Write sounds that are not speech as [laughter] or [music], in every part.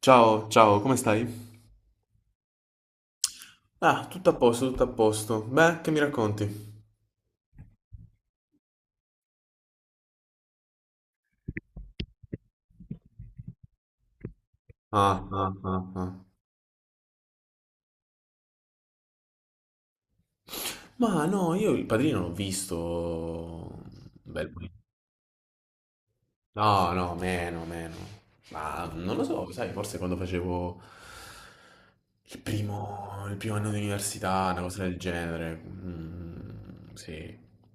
Ciao, ciao, come stai? Ah, tutto a posto, tutto a posto. Beh, che mi racconti? Ah, ah, ah, ah. Ma no, io il padrino l'ho visto un bel po'. No, no, meno, meno. Ma non lo so, sai, forse quando facevo il primo anno di università, una cosa del genere. Mm, sì,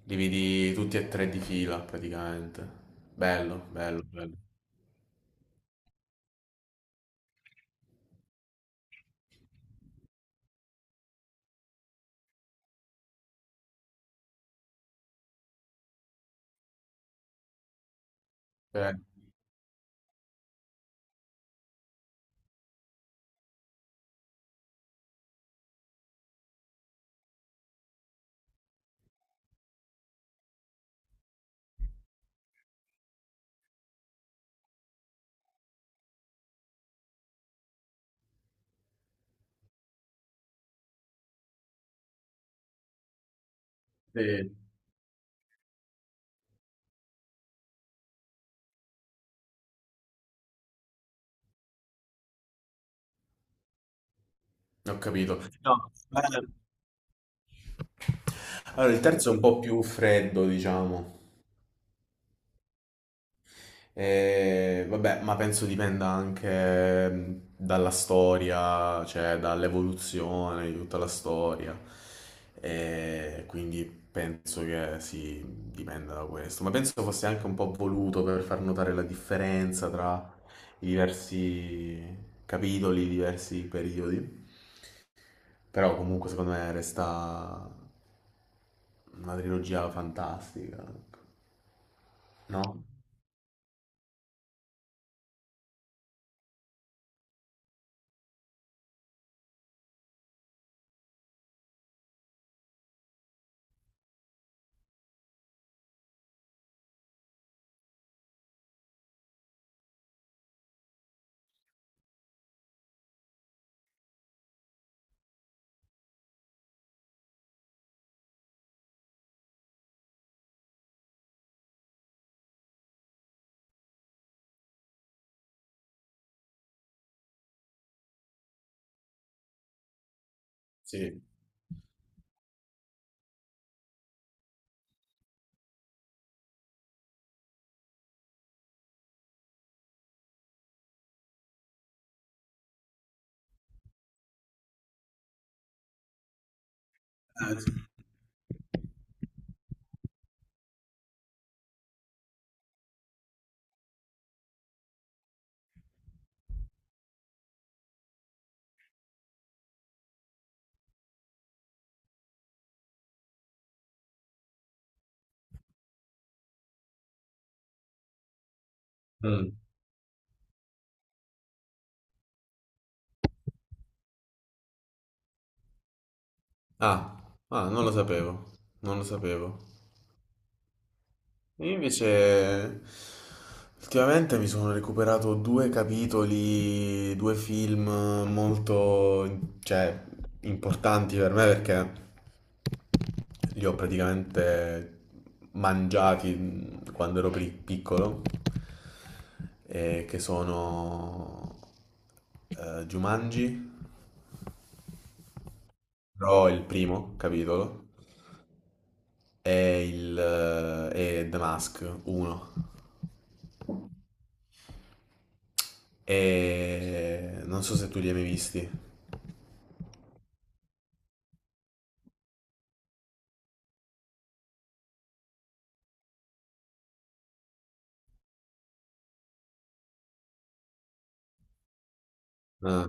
li vidi tutti e tre di fila praticamente. Bello, bello, bello. Eh, sì, ho capito. No, allora, il terzo è un po' più freddo, diciamo. Vabbè, ma penso dipenda anche dalla storia, cioè dall'evoluzione di tutta la storia. Quindi penso che sì, dipenda da questo. Ma penso fosse anche un po' voluto per far notare la differenza tra i diversi capitoli, i diversi periodi. Però comunque secondo me resta una trilogia fantastica, no? Sì. Eh. Mm. Ah, ah, non lo sapevo, non lo sapevo. Io invece ultimamente mi sono recuperato due capitoli, due film molto, cioè, importanti per me perché li ho praticamente mangiati quando ero piccolo, e che sono Jumanji, però il primo capitolo. è il è The Mask 1. E non so se tu li hai mai visti. Ah,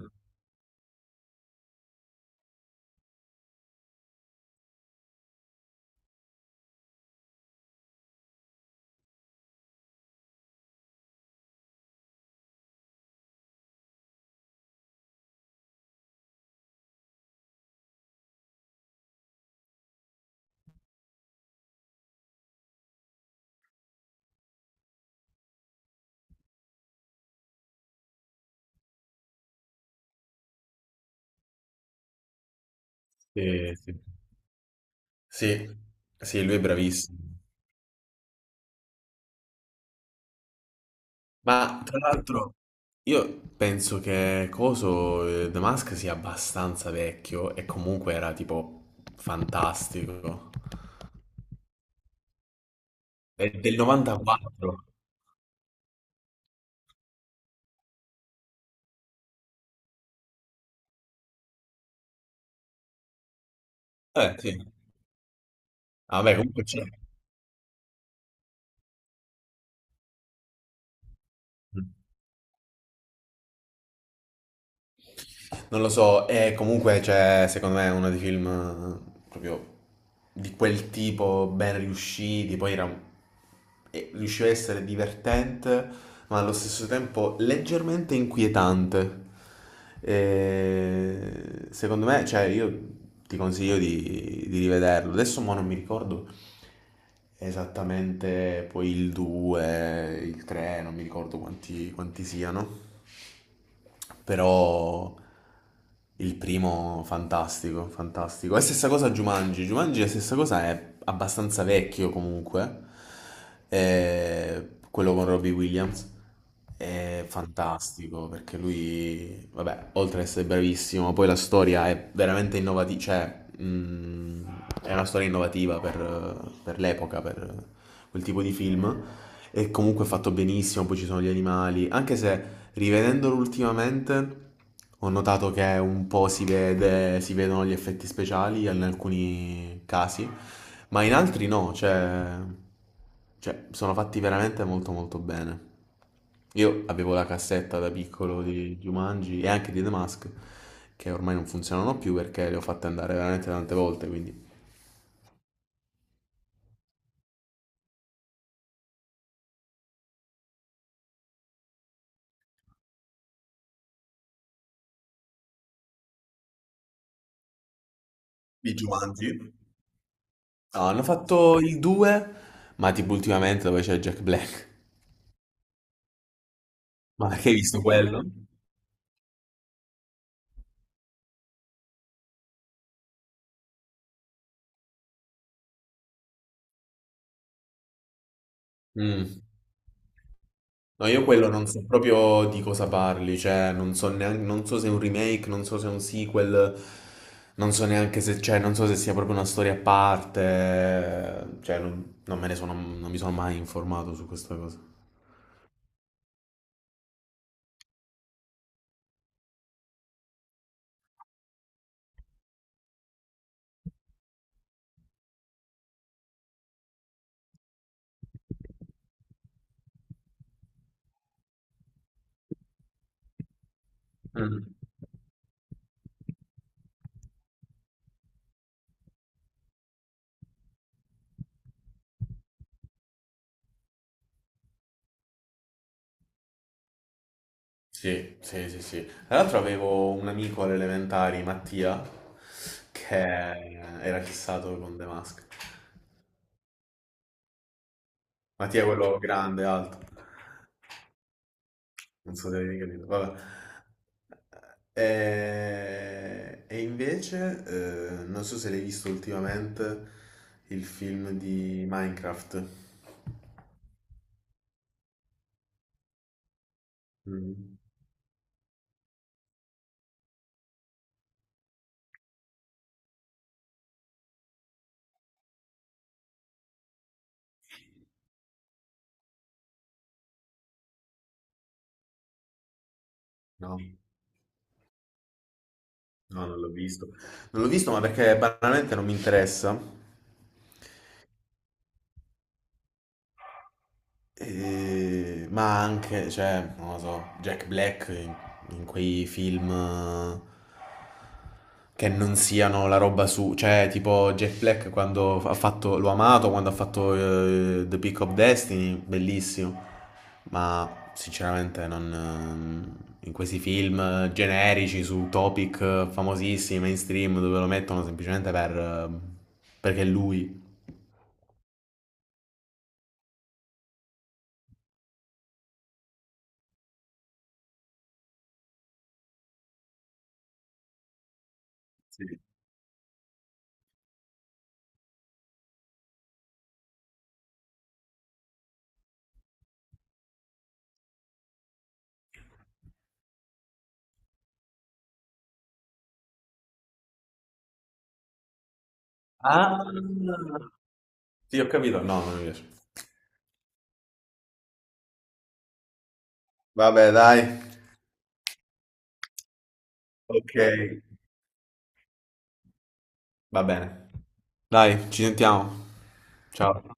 sì, sì. Sì, sì, lui è bravissimo. Ma tra l'altro io penso che coso The Mask sia abbastanza vecchio e comunque era tipo fantastico. È del 94. Eh sì. Ah, vabbè, comunque c'è. Mm. Non lo so, e comunque cioè, secondo me è uno dei film proprio di quel tipo ben riusciti, poi era e riusciva a essere divertente, ma allo stesso tempo leggermente inquietante. E secondo me, cioè, io ti consiglio di rivederlo. Adesso mo non mi ricordo esattamente poi il 2, il 3, non mi ricordo quanti siano. Però il primo fantastico, fantastico. È stessa cosa Jumanji. Jumanji è la stessa cosa, è abbastanza vecchio comunque. Quello con Robbie Williams è fantastico perché lui, vabbè, oltre ad essere bravissimo, poi la storia è veramente innovativa, cioè, è una storia innovativa per l'epoca, per quel tipo di film. E comunque è fatto benissimo, poi ci sono gli animali. Anche se rivedendolo ultimamente ho notato che un po' si vedono gli effetti speciali in alcuni casi, ma in altri no, cioè, sono fatti veramente molto molto bene. Io avevo la cassetta da piccolo di Jumanji e anche di The Mask, che ormai non funzionano più perché le ho fatte andare veramente tante volte, quindi. Di Jumanji? No, hanno fatto il 2, ma tipo ultimamente dove c'è Jack Black. [laughs] Ma perché hai visto quello? Mm. No, io quello non so proprio di cosa parli, cioè non so neanche, non so se è un remake, non so se è un sequel, non so neanche se, cioè, non so se sia proprio una storia a parte, cioè non mi sono mai informato su questa cosa. Mm. Sì, sì, sì, sì. Tra l'altro avevo un amico alle elementari, Mattia, che era fissato con The Mask. Mattia è quello grande, alto. Non so se avevi capito. Vabbè. E, invece, non so se l'hai visto ultimamente il film di Minecraft. Mm. No, no, non l'ho visto. Non l'ho visto, ma perché banalmente non mi interessa. Ma anche, cioè, non lo so, Jack Black in quei film che non siano la roba su, cioè, tipo Jack Black quando l'ho amato quando ha fatto The Peak of Destiny, bellissimo, ma sinceramente non, in questi film generici su topic famosissimi, mainstream, dove lo mettono semplicemente perché è lui. Ah, sì, ho capito, no, non mi piace. Vabbè, dai. Ok. Va bene. Dai, ci sentiamo. Ciao.